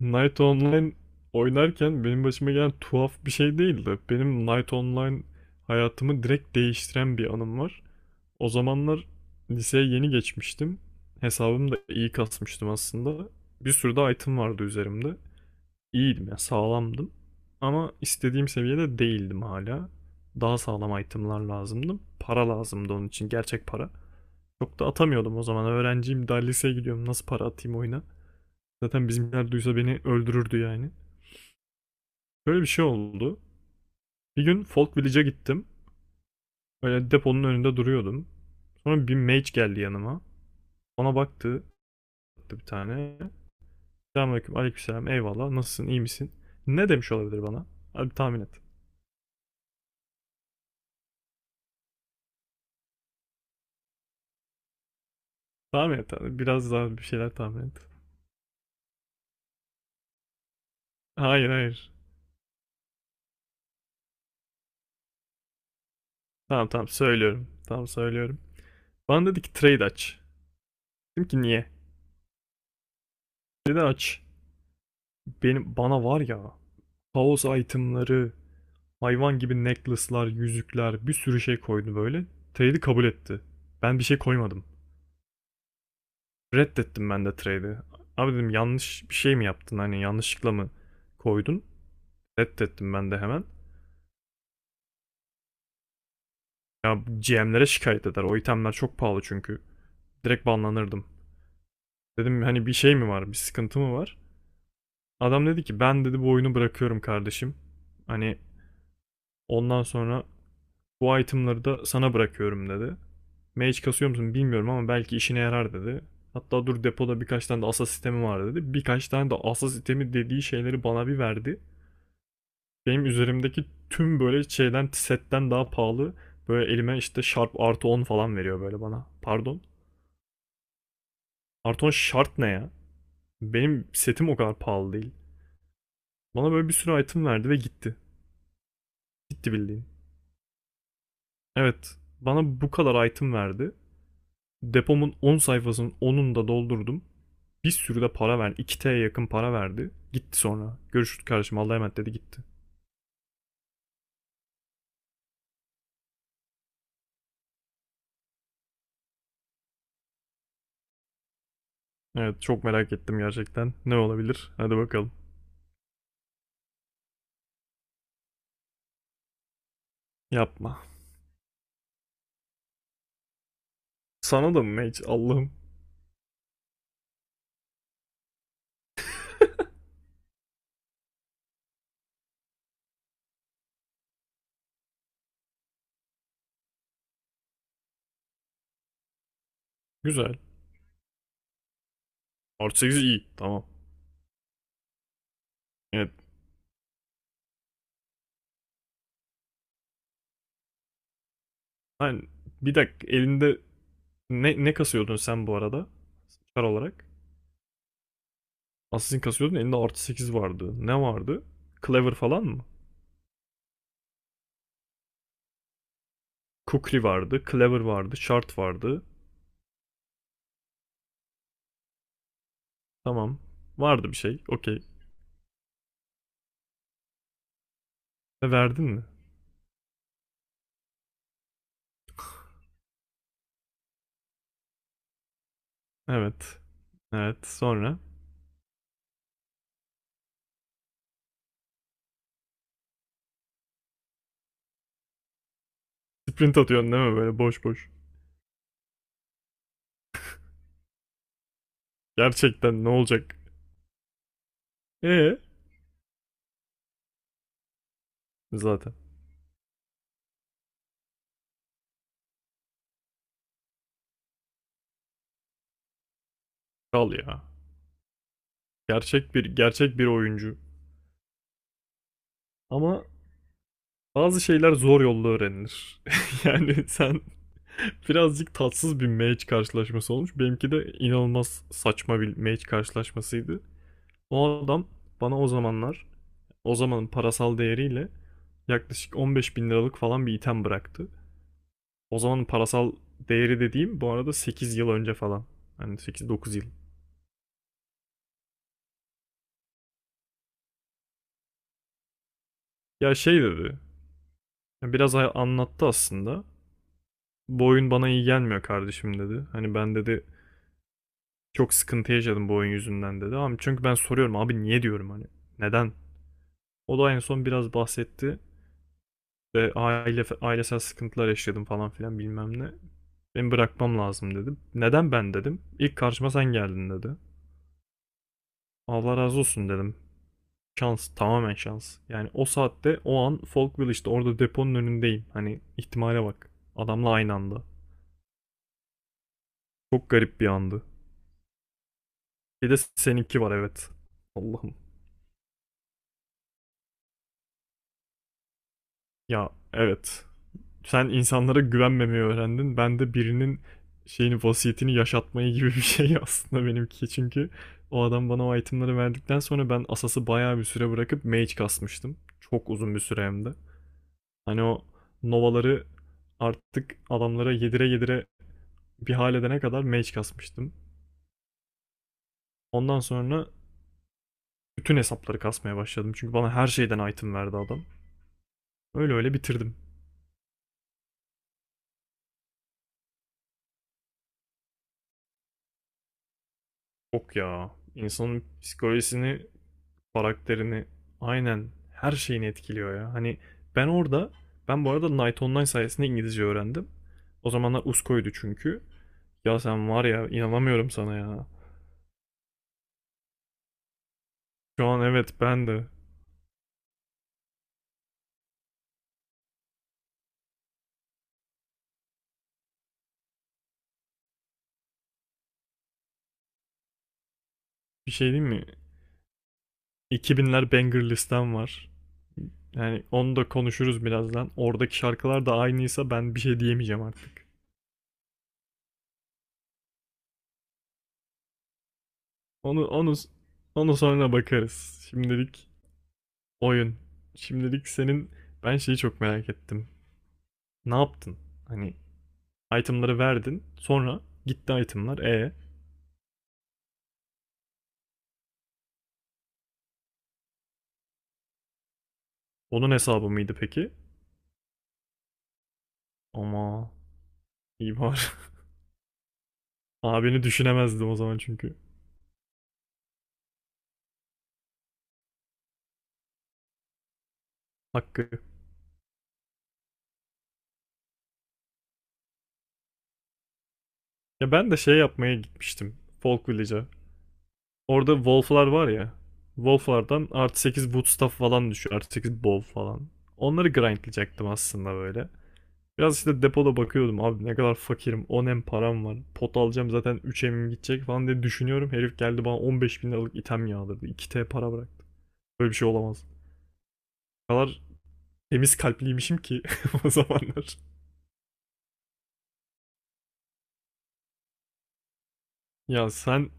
Night Online oynarken benim başıma gelen tuhaf bir şey değildi. Benim Night Online hayatımı direkt değiştiren bir anım var. O zamanlar liseye yeni geçmiştim. Hesabımı da iyi kasmıştım aslında. Bir sürü de item vardı üzerimde. İyiydim ya, sağlamdım. Ama istediğim seviyede değildim hala. Daha sağlam itemlar lazımdı. Para lazımdı onun için, gerçek para. Çok da atamıyordum o zaman. Öğrenciyim, daha liseye gidiyorum. Nasıl para atayım oyuna? Zaten bizimkiler duysa beni öldürürdü yani. Böyle bir şey oldu. Bir gün Folk Village'e gittim. Böyle deponun önünde duruyordum. Sonra bir mage geldi yanıma. Ona baktı bir tane. Selamünaleyküm, aleykümselam, eyvallah. Nasılsın, iyi misin? Ne demiş olabilir bana? Hadi tahmin et. Tahmin et abi. Biraz daha bir şeyler tahmin et. Hayır, hayır. Tamam, tamam, söylüyorum. Tamam, söylüyorum. Bana dedi ki trade aç. Dedim ki niye? Dedi aç. Benim bana var ya, kaos itemları, hayvan gibi necklace'lar, yüzükler, bir sürü şey koydu böyle. Trade'i kabul etti. Ben bir şey koymadım. Reddettim ben de trade'i. Abi dedim, yanlış bir şey mi yaptın? Hani yanlışlıkla mı koydun? Reddettim ben de hemen. Ya GM'lere şikayet eder. O itemler çok pahalı çünkü. Direkt banlanırdım. Dedim hani bir şey mi var? Bir sıkıntı mı var? Adam dedi ki, ben dedi bu oyunu bırakıyorum kardeşim. Hani ondan sonra bu itemleri da sana bırakıyorum dedi. Mage kasıyor musun bilmiyorum ama belki işine yarar dedi. Hatta dur, depoda birkaç tane de asa sistemi var dedi. Birkaç tane de asa sistemi dediği şeyleri bana bir verdi. Benim üzerimdeki tüm böyle şeyden, setten daha pahalı. Böyle elime işte Sharp artı 10 falan veriyor böyle bana. Pardon. Artı 10 Sharp ne ya? Benim setim o kadar pahalı değil. Bana böyle bir sürü item verdi ve gitti. Gitti bildiğin. Evet. Bana bu kadar item verdi. Depomun 10 sayfasının 10'unu da doldurdum. Bir sürü de para verdi. İki tye yakın para verdi. Gitti sonra. Görüşürüz kardeşim, Allah'a emanet, dedi gitti. Evet, çok merak ettim gerçekten. Ne olabilir? Hadi bakalım. Yapma. Sana da mı Mage? Allah'ım. Güzel. Artı 8 iyi. Tamam. Evet. Lan, bir dakika, elinde ne kasıyordun sen bu arada? Kar olarak. Assassin kasıyordun, elinde artı 8 vardı. Ne vardı? Clever falan mı? Kukri vardı. Clever vardı. Shard vardı. Tamam. Vardı bir şey. Okey. Verdin mi? Evet. Evet. Sonra? Sprint atıyorsun değil mi böyle boş boş? Gerçekten ne olacak? Ee zaten kal ya. Gerçek bir oyuncu. Ama bazı şeyler zor yolla öğrenilir. Yani sen birazcık tatsız bir match karşılaşması olmuş. Benimki de inanılmaz saçma bir match karşılaşmasıydı. O adam bana o zamanlar, o zamanın parasal değeriyle yaklaşık 15 bin liralık falan bir item bıraktı. O zamanın parasal değeri dediğim bu arada 8 yıl önce falan. Hani 8-9 yıl. Ya şey dedi. Ya biraz anlattı aslında. Bu oyun bana iyi gelmiyor kardeşim dedi. Hani ben dedi çok sıkıntı yaşadım bu oyun yüzünden dedi. Ama çünkü ben soruyorum, abi niye diyorum, hani neden? O da en son biraz bahsetti. Ve ailesel sıkıntılar yaşadım falan filan bilmem ne. Beni bırakmam lazım dedim. Neden ben dedim? İlk karşıma sen geldin dedi. Allah razı olsun dedim. Şans, tamamen şans. Yani o saatte o an Folkville işte orada deponun önündeyim. Hani ihtimale bak. Adamla aynı anda. Çok garip bir andı. Bir de seninki var, evet. Allah'ım. Ya evet. Sen insanlara güvenmemeyi öğrendin. Ben de birinin şeyini, vasiyetini yaşatmayı gibi bir şey aslında benimki. Çünkü o adam bana o itemleri verdikten sonra ben Asas'ı bayağı bir süre bırakıp Mage kasmıştım. Çok uzun bir süre hem de. Hani o Nova'ları artık adamlara yedire yedire bir hal edene kadar Mage kasmıştım. Ondan sonra bütün hesapları kasmaya başladım. Çünkü bana her şeyden item verdi adam. Öyle öyle bitirdim. Yok ya. İnsanın psikolojisini, karakterini, aynen her şeyini etkiliyor ya. Hani ben orada, ben bu arada Night Online sayesinde İngilizce öğrendim. O zamanlar Usko'ydu çünkü. Ya sen var ya, inanamıyorum sana ya. Şu an, evet, ben de. Bir şey diyeyim mi? 2000'ler banger listem var. Yani onu da konuşuruz birazdan. Oradaki şarkılar da aynıysa ben bir şey diyemeyeceğim artık. Onu onu onu sonra bakarız. Şimdilik oyun. Şimdilik senin, ben şeyi çok merak ettim. Ne yaptın? Hani itemları verdin. Sonra gitti itemlar. Onun hesabı mıydı peki? Ama iyi var. Abini düşünemezdim o zaman çünkü. Hakkı. Ya ben de şey yapmaya gitmiştim. Folk Village'a. Orada Wolf'lar var ya. Wolf'lardan artı 8 bootstaff falan düşüyor. Artı 8 bow falan. Onları grindlayacaktım aslında böyle. Biraz işte depoda bakıyordum, abi ne kadar fakirim, 10M param var, pot alacağım zaten, üç emim gidecek falan diye düşünüyorum. Herif geldi bana 15 bin liralık item yağdırdı, iki t para bıraktı. Böyle bir şey olamaz. O kadar temiz kalpliymişim ki o zamanlar. Ya sen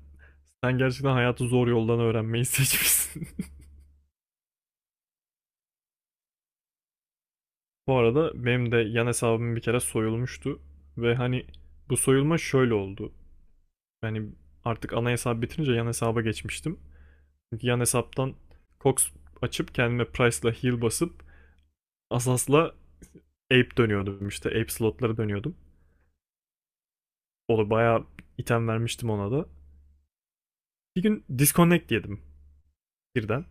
sen gerçekten hayatı zor yoldan öğrenmeyi seçmişsin. Bu arada benim de yan hesabım bir kere soyulmuştu. Ve hani bu soyulma şöyle oldu. Yani artık ana hesap bitirince yan hesaba geçmiştim. Çünkü yan hesaptan Cox açıp kendime Price'la heal basıp Asas'la Ape dönüyordum işte. Ape slotları dönüyordum. Onu bayağı item vermiştim ona da. Bir gün disconnect yedim birden.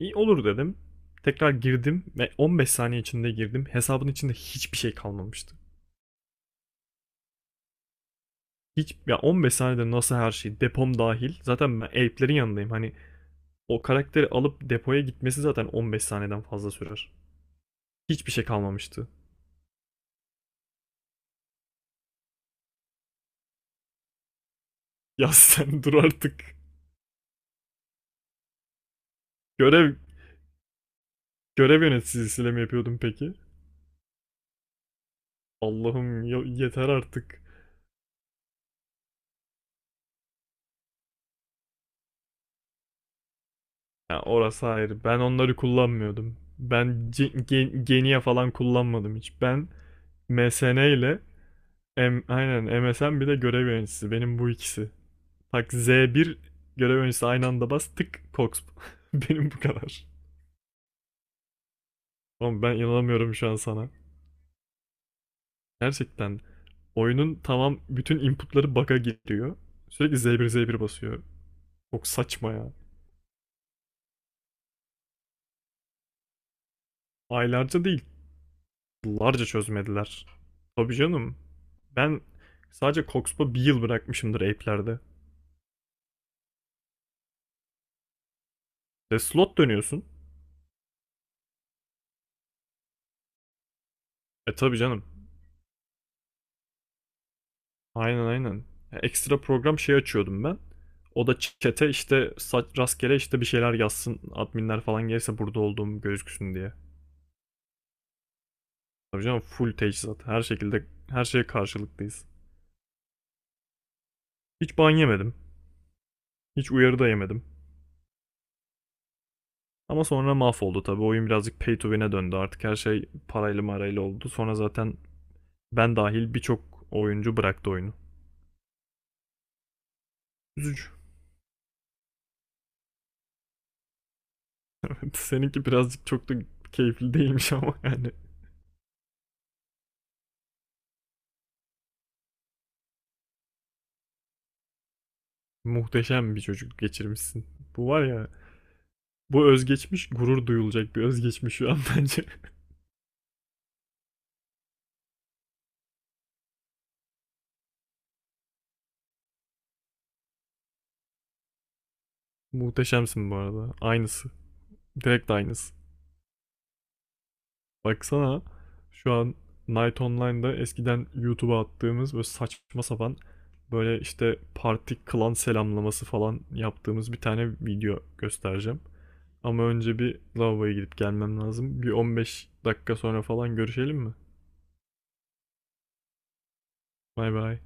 İyi olur dedim. Tekrar girdim ve 15 saniye içinde girdim. Hesabın içinde hiçbir şey kalmamıştı. Hiç ya, 15 saniyede nasıl her şey, depom dahil. Zaten ben Ape'lerin yanındayım. Hani o karakteri alıp depoya gitmesi zaten 15 saniyeden fazla sürer. Hiçbir şey kalmamıştı. Ya sen dur artık. Görev görev yöneticisiyle mi yapıyordun peki? Allah'ım, yeter artık. Ya orası ayrı. Ben onları kullanmıyordum. Ben Genia falan kullanmadım hiç. Ben MSN ile, aynen MSN, bir de görev yöneticisi. Benim bu ikisi. Bak Z1, görev yöneticisi aynı anda, bas tık Cox. Benim bu kadar. Oğlum ben inanamıyorum şu an sana. Gerçekten oyunun tamam, bütün inputları bug'a giriyor. Sürekli Z1 Z1 basıyor. Çok saçma ya. Aylarca değil, yıllarca çözmediler. Tabii canım. Ben sadece Coxpa bir yıl bırakmışımdır app'lerde. Ve slot dönüyorsun. E tabii canım. Aynen, aynen. Ya ekstra program şey açıyordum ben. O da chat'e işte rastgele işte bir şeyler yazsın. Adminler falan gelirse burada olduğum gözüksün diye. Tabii canım, full teçhizat. Her şekilde her şeye karşılıklıyız. Hiç ban yemedim. Hiç uyarı da yemedim. Ama sonra mahvoldu tabii. Oyun birazcık pay to win'e döndü artık. Her şey parayla marayla oldu. Sonra zaten ben dahil birçok oyuncu bıraktı oyunu. Üzücü. Seninki birazcık çok da keyifli değilmiş ama yani muhteşem bir çocukluk geçirmişsin. Bu var ya, bu özgeçmiş gurur duyulacak bir özgeçmiş şu an bence. Muhteşemsin bu arada. Aynısı. Direkt aynısı. Baksana şu an Night Online'da eskiden YouTube'a attığımız böyle saçma sapan, böyle işte parti klan selamlaması falan yaptığımız bir tane video göstereceğim. Ama önce bir lavaboya gidip gelmem lazım. Bir 15 dakika sonra falan görüşelim mi? Bay bay.